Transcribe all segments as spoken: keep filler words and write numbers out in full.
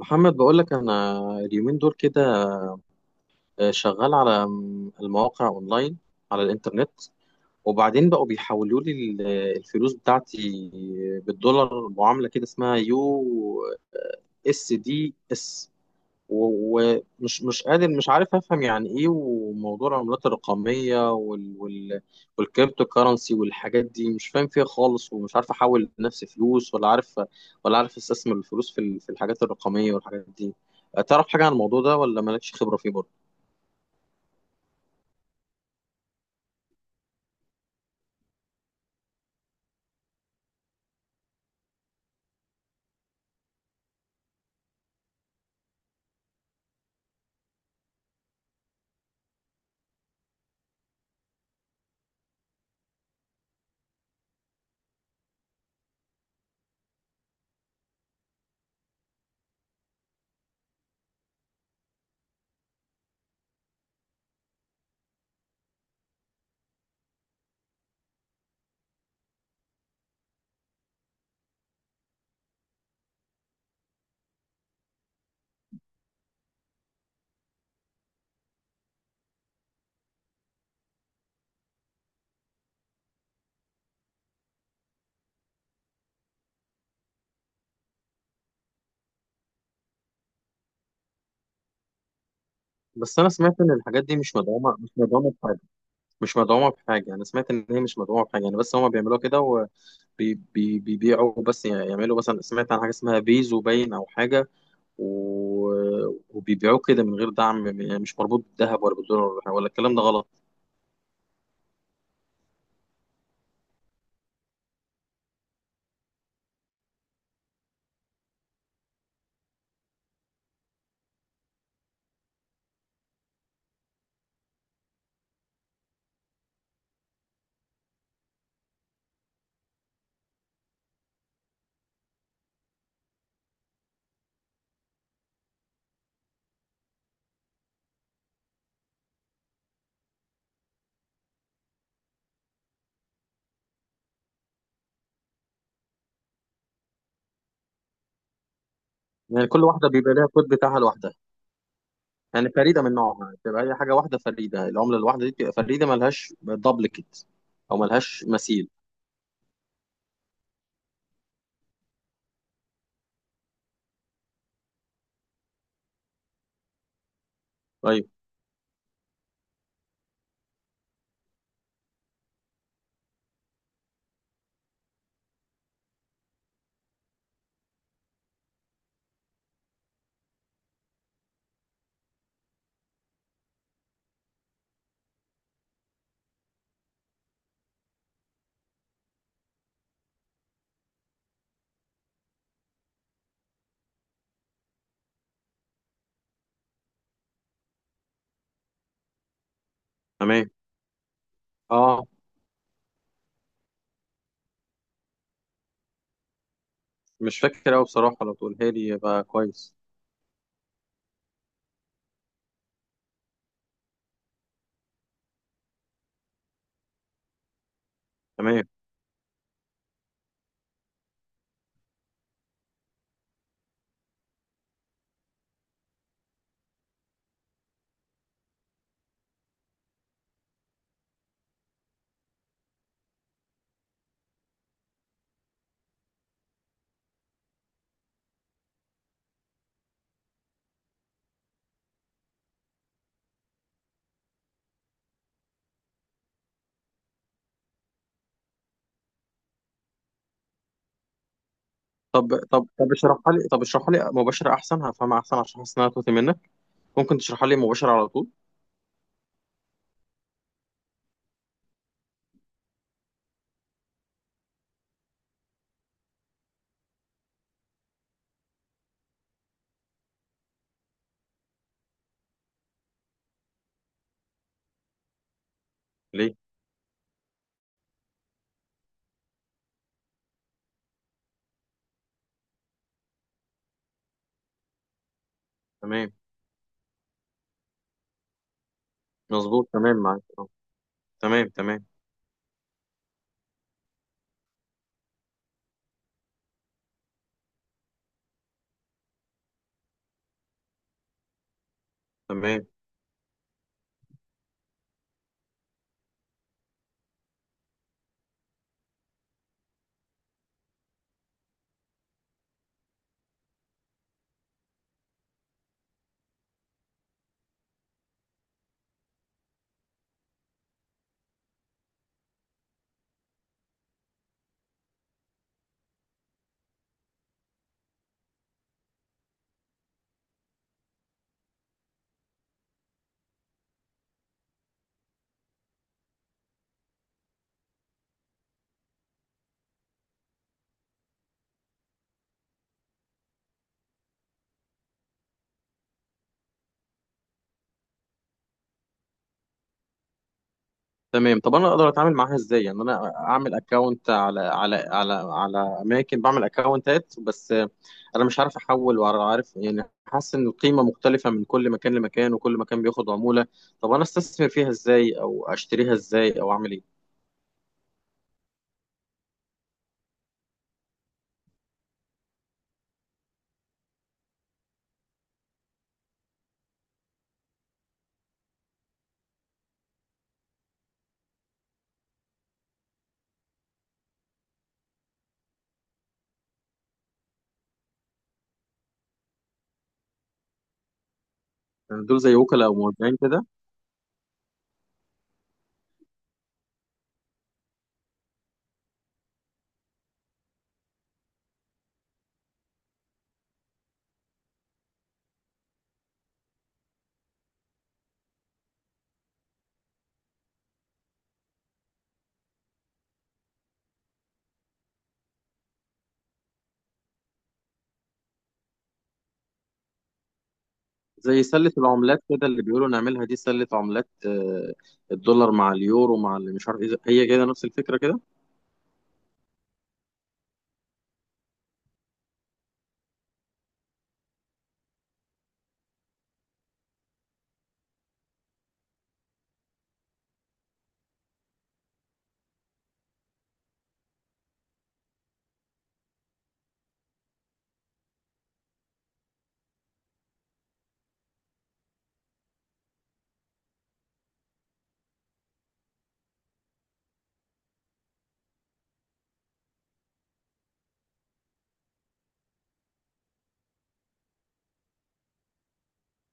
محمد، بقول لك انا اليومين دول كده شغال على المواقع اونلاين على الانترنت. وبعدين بقوا بيحولوا لي ال- الفلوس بتاعتي بالدولار، معاملة كده اسمها يو اس دي اس. و- ومش مش قادر، مش عارف افهم يعني ايه وموضوع العملات الرقميه وال وال والكريبتو كارنسي والحاجات دي. مش فاهم فيها خالص، ومش عارف احول لنفسي فلوس ولا عارف ولا عارف استثمر الفلوس في ال- في الحاجات الرقميه والحاجات دي. تعرف حاجه عن الموضوع ده ولا مالكش خبره فيه برضه؟ بس انا سمعت ان الحاجات دي مش مدعومه مش مدعومه بحاجه. مش مدعومه بحاجه، انا سمعت ان هي مش مدعومه بحاجه يعني. بس هما بيعملوها كده وبيبيعوا، بس يعني يعملوا مثلا، سمعت عن حاجه اسمها بيزو باين او حاجه، و- وبيبيعوه كده من غير دعم، يعني مش مربوط بالذهب ولا بالدولار. ولا الكلام ده غلط؟ يعني كل واحده بيبقى لها كود بتاعها لوحدها. يعني فريده من نوعها. بتبقى اي حاجه واحده فريده، العمله الواحده دي بتبقى فريده، ملهاش دبليكت او ملهاش مثيل. طيب. تمام. اه. مش فاكر قوي بصراحه، لو تقولها لي يبقى كويس. تمام. طب طب طب اشرحها لي، طب اشرحها لي مباشره احسن، هفهمها احسن، عشان حاسس انها توتي منك. ممكن تشرحها لي مباشره على طول؟ ليه؟ تمام. مظبوط. تمام، معاك آه. تمام، تمام، تمام، تمام. طب انا اقدر اتعامل معاها ازاي؟ يعني انا اعمل اكونت على على على على اماكن بعمل اكونتات. بس انا مش عارف احول ولا عارف، يعني حاسس ان القيمه مختلفه من كل مكان لمكان، وكل مكان بياخد عموله. طب انا استثمر فيها ازاي، او اشتريها ازاي، او اعمل ايه؟ يعني دول زي وكلاء او موزعين كده؟ زي سله العملات كده اللي بيقولوا نعملها دي، سله عملات آه، الدولار مع اليورو مع اللي مش عارف ايه هي، كده نفس الفكره كده.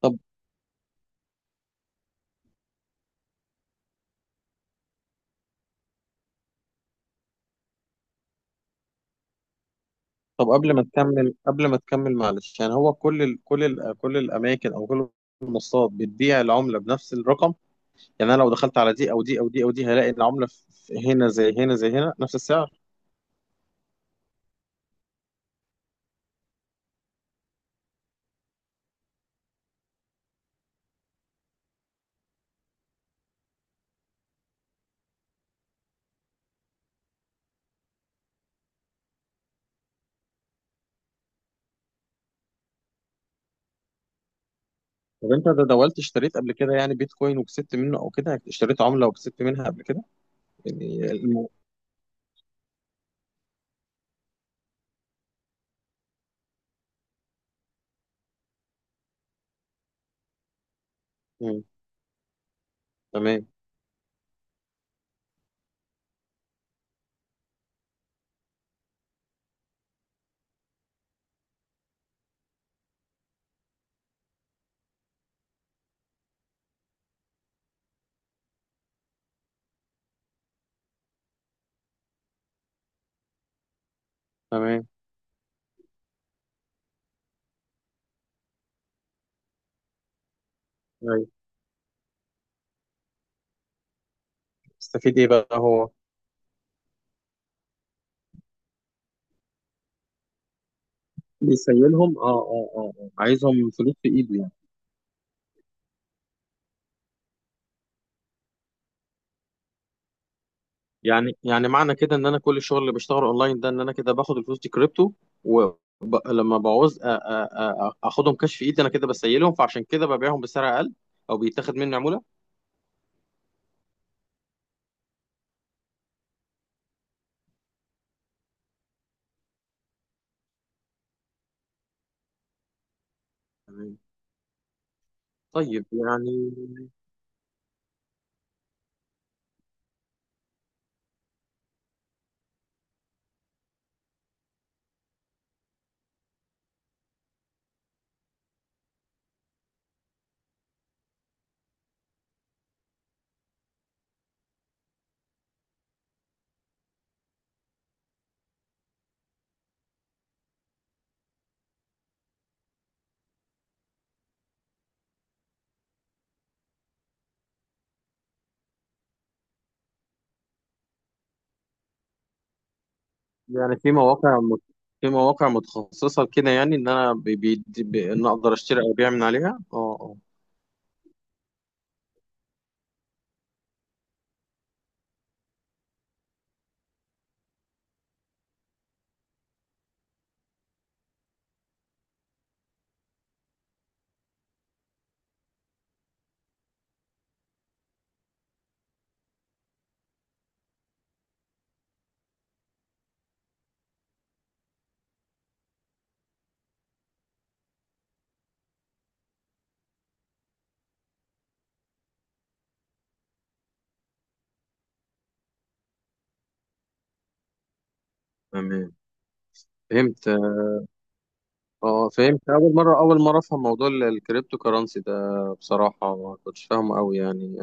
طب طب، قبل ما تكمل قبل ما تكمل معلش. يعني هو كل ال كل ال كل الاماكن او كل المنصات بتبيع العمله بنفس الرقم؟ يعني انا لو دخلت على دي او دي او دي او دي، هلاقي العمله في- هنا زي هنا زي هنا نفس السعر؟ طب انت ده دولت اشتريت قبل كده؟ يعني بيتكوين وكسبت منه، او كده اشتريت عمله وكسبت منها قبل كده؟ يعني الم... مم. تمام، تمام. أيوة. استفيد ايه بقى هو؟ بيسيلهم، اه اه اه آه، عايزهم فلوس في ايده يعني. يعني يعني معنى كده ان انا كل الشغل اللي بشتغله اونلاين ده، ان انا كده باخد الفلوس دي كريبتو، ولما بعوز أ- أ- أ- اخدهم كاش في ايدي، انا كده بسيلهم، فعشان كده ببيعهم بسعر اقل، او بيتاخد مني عمولة. تمام. طيب. يعني يعني في مواقع مت- في مواقع متخصصة كده، يعني ان انا بي- بيدي بي- ان اقدر اشتري او ابيع من عليها. اه اه. تمام. فهمت. اه فهمت. اول مرة، اول مرة افهم موضوع ال- الكريبتو كرنسي ده بصراحة. ما كنتش فاهمه قوي يعني.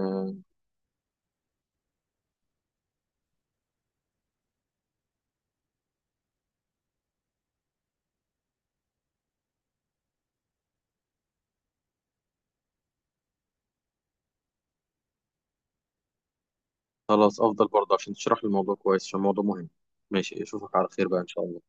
خلاص، افضل برضه عشان تشرح لي الموضوع كويس، عشان الموضوع مهم. ماشي، اشوفك على خير بقى ان شاء الله.